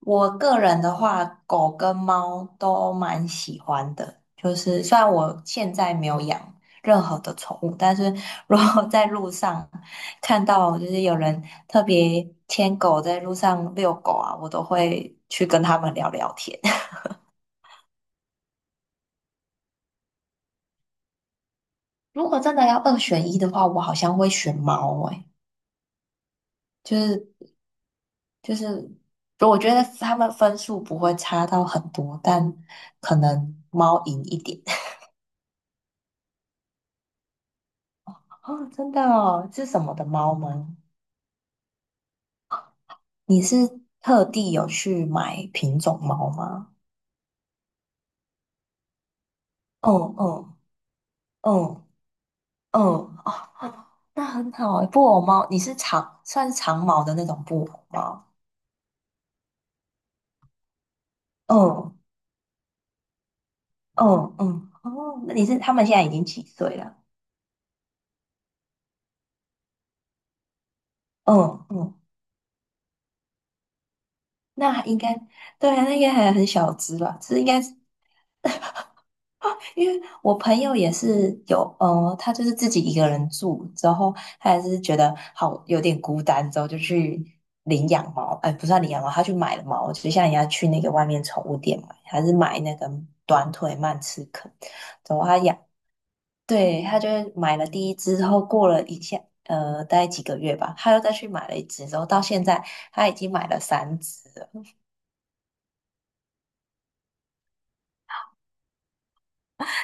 我个人的话，狗跟猫都蛮喜欢的。就是虽然我现在没有养任何的宠物，但是如果在路上看到就是有人特别牵狗在路上遛狗啊，我都会去跟他们聊聊天。如果真的要二选一的话，我好像会选猫诶、就是就是，我觉得他们分数不会差到很多，但可能猫赢一点。哦，真的哦，是什么的猫吗？你是特地有去买品种猫吗？嗯嗯，嗯嗯，哦，哦那很好诶，布偶猫，你是长，算是长毛的那种布偶猫。嗯嗯嗯，哦，那你是他们现在已经几岁了？嗯嗯，那应该对啊，那应该还很小只吧？是应该因为我朋友也是有，他就是自己一个人住之后，他也是觉得好有点孤单，之后就去领养猫，哎，不算领养猫，他去买了猫，就像人家去那个外面宠物店买，还是买那个短腿曼彻肯，之后他养，对，他就是买了第一只之后，过了一下，大概几个月吧，他又再去买了一只，之后到现在他已经买了三只了。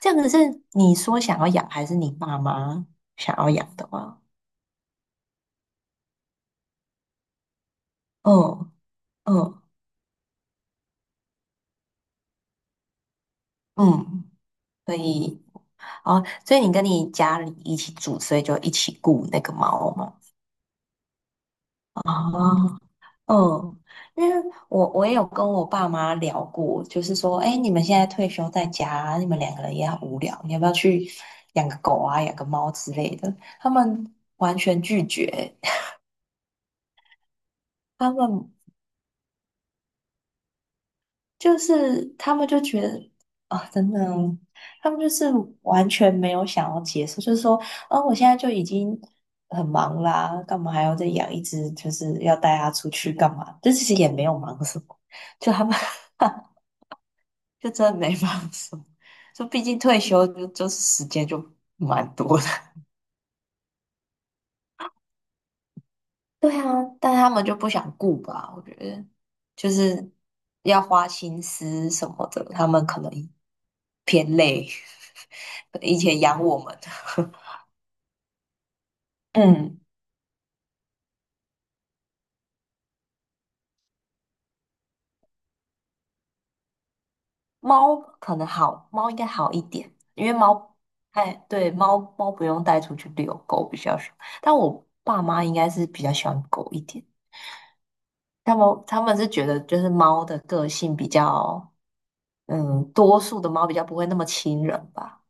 这样子是你说想要养，还是你爸妈想要养的吗？嗯。嗯嗯，所以哦，所以你跟你家里一起住，所以就一起雇那个猫嘛。啊，嗯，因为我也有跟我爸妈聊过，就是说，哎，你们现在退休在家，你们两个人也很无聊，你要不要去养个狗啊，养个猫之类的？他们完全拒绝，他们。就是他们就觉得啊、真的哦，他们就是完全没有想要结束，就是说，啊，我现在就已经很忙啦，干嘛还要再养一只？就是要带它出去干嘛？这其实也没有忙什么，就他们 就真的没忙什么。就毕竟退休就是时间就蛮多的，对啊，但他们就不想顾吧？我觉得就是要花心思什么的，他们可能偏累。以前养我们，嗯，猫可能好，猫应该好一点，因为猫，哎，对，猫猫不用带出去遛，狗比较少。但我爸妈应该是比较喜欢狗一点，他们是觉得就是猫的个性比较，嗯，多数的猫比较不会那么亲人吧。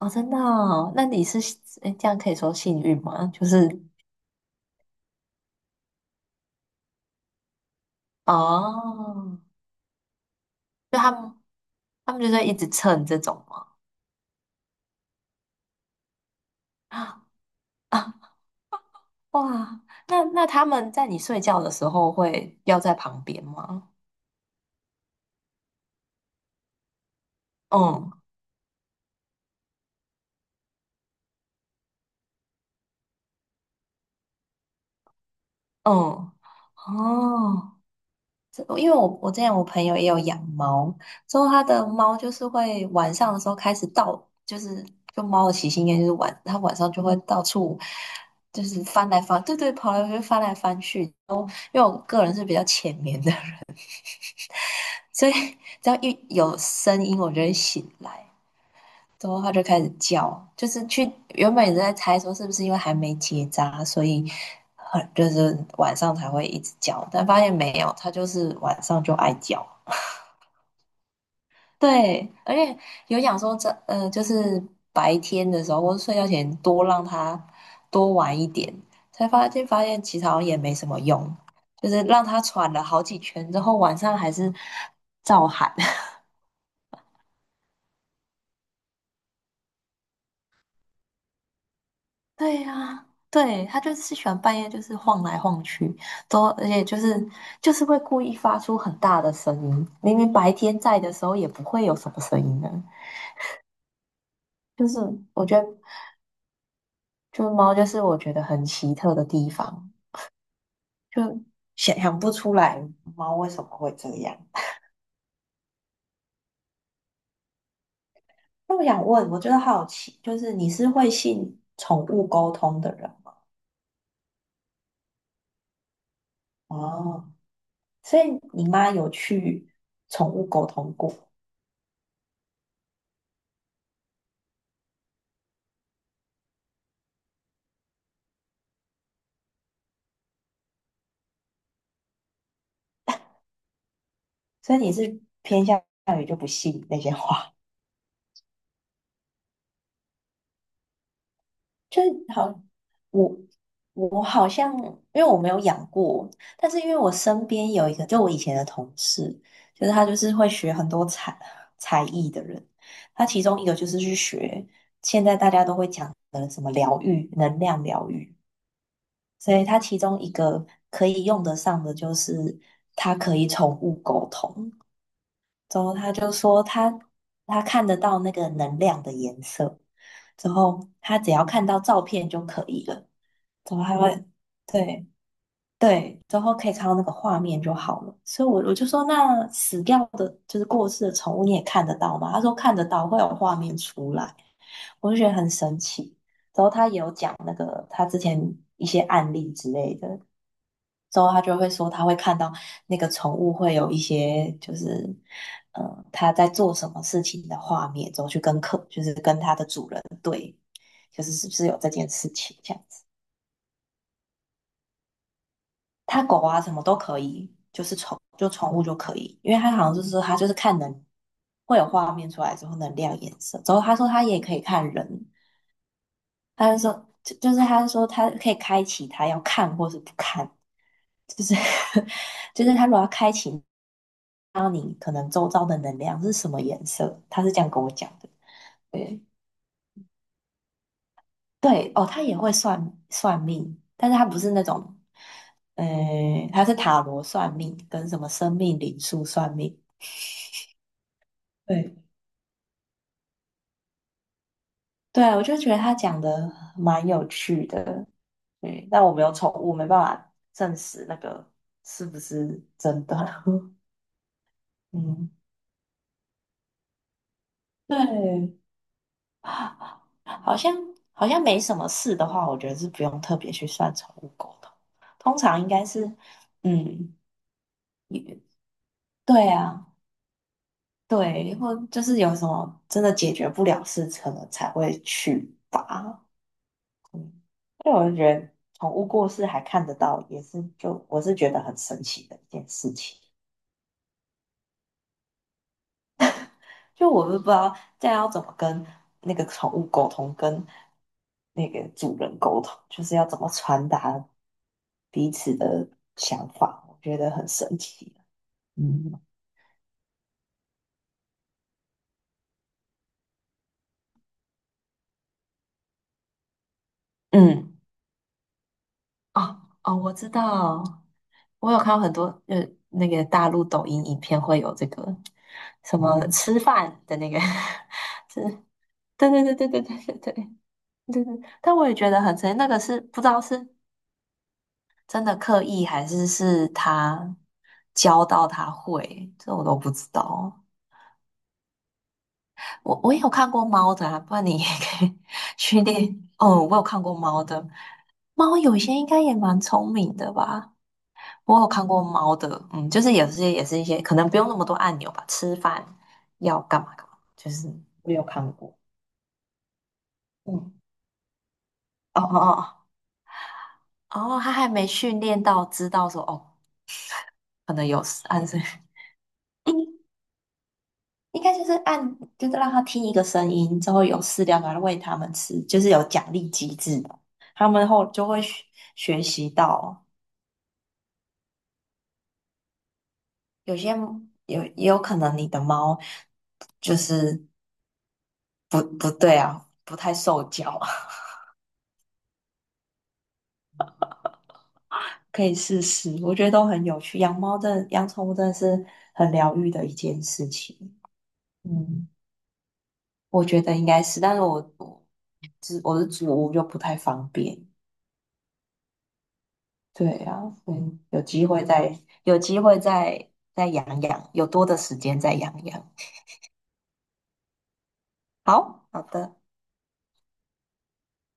哦，真的哦，那你是诶这样可以说幸运吗？就是哦，就他们就在一直蹭这种吗？啊啊哇，那那他们在你睡觉的时候会要在旁边吗？嗯嗯哦。这因为我之前我朋友也有养猫，之后他的猫就是会晚上的时候开始到，就是就猫的习性应该就是晚，它晚上就会到处就是翻来翻，对对，跑来跑去翻来翻去。然后因为我个人是比较浅眠的人，所以只要一有声音我就会醒来，之后它就开始叫，就是去原本也是在猜说是不是因为还没结扎，所以很就是晚上才会一直叫，但发现没有，它就是晚上就爱叫。对，而且有讲说这就是白天的时候或者睡觉前多让它多玩一点，才发现其实好像也没什么用，就是让它喘了好几圈之后，晚上还是照喊。对呀、对，它就是喜欢半夜就是晃来晃去，都而且就是会故意发出很大的声音，明明白天在的时候也不会有什么声音的，就是我觉得就是猫就是我觉得很奇特的地方。就想想不出来猫为什么会这样。那我想问，我觉得好奇，就是你是会信宠物沟通的人吗？哦？所以你妈有去宠物沟通过，所以你是偏向于就不信那些话。就是好，我我好像因为我没有养过，但是因为我身边有一个，就我以前的同事，就是他就是会学很多才才艺的人，他其中一个就是去学现在大家都会讲的什么疗愈、能量疗愈，所以他其中一个可以用得上的就是他可以宠物沟通，之后他就说他看得到那个能量的颜色，之后他只要看到照片就可以了。怎么还会？哦对对，之后可以看到那个画面就好了。所以我就说，那死掉的，就是过世的宠物，你也看得到吗？他说看得到，会有画面出来。我就觉得很神奇。之后他也有讲那个他之前一些案例之类的，之后他就会说他会看到那个宠物会有一些就是，他在做什么事情的画面，之后去跟客，就是跟他的主人对，就是是不是有这件事情这样子。它狗啊什么都可以，就是宠就宠物就可以，因为它好像就是说它就是看能会有画面出来之后能亮颜色，之后他说他也可以看人，他就说就就是他说他可以开启他要看或是不看，就是 就是他如果要开启，让你可能周遭的能量是什么颜色，他是这样跟我讲的。对对哦，他也会算算命，但是他不是那种，呃，他是塔罗算命跟什么生命灵数算命。对，对啊，我就觉得他讲的蛮有趣的，对，但我没有宠物，没办法证实那个是不是真的。嗯，对，好像好像没什么事的话，我觉得是不用特别去算宠物沟通，通常应该是，嗯，对啊，对，或就是有什么真的解决不了事，可能才会去吧。嗯，对我就觉得宠物过世还看得到，也是就我是觉得很神奇的一件事情。就我都不知道这样要怎么跟那个宠物沟通，跟那个主人沟通，就是要怎么传达彼此的想法，我觉得很神奇。嗯嗯，哦哦，我知道，我有看到很多那个大陆抖音影片会有这个什么嗯吃饭的那个 是，对对对对对对对对，对对，但我也觉得很神奇，那个是不知道是真的刻意还是是他教到他会，这我都不知道。我也有看过猫的啊，不然你也可以 去练。哦，我有看过猫的，猫有些应该也蛮聪明的吧。我有看过猫的，嗯，就是有些也是一些可能不用那么多按钮吧，吃饭要干嘛干嘛，就是没有看过。嗯，哦哦哦，哦，他还没训练到知道说哦，可能有事按这。应该就是按，就是让它听一个声音之后有饲料来喂它们吃，就是有奖励机制的。它们后就会学学习到，有些有也有可能你的猫就是不对啊，不太受教啊，可以试试。我觉得都很有趣，养猫真的养宠物真的是很疗愈的一件事情。嗯，我觉得应该是，但是我是我是主屋就不太方便。对呀，嗯，有机会再有机会再再养养，有多的时间再养养。好好的。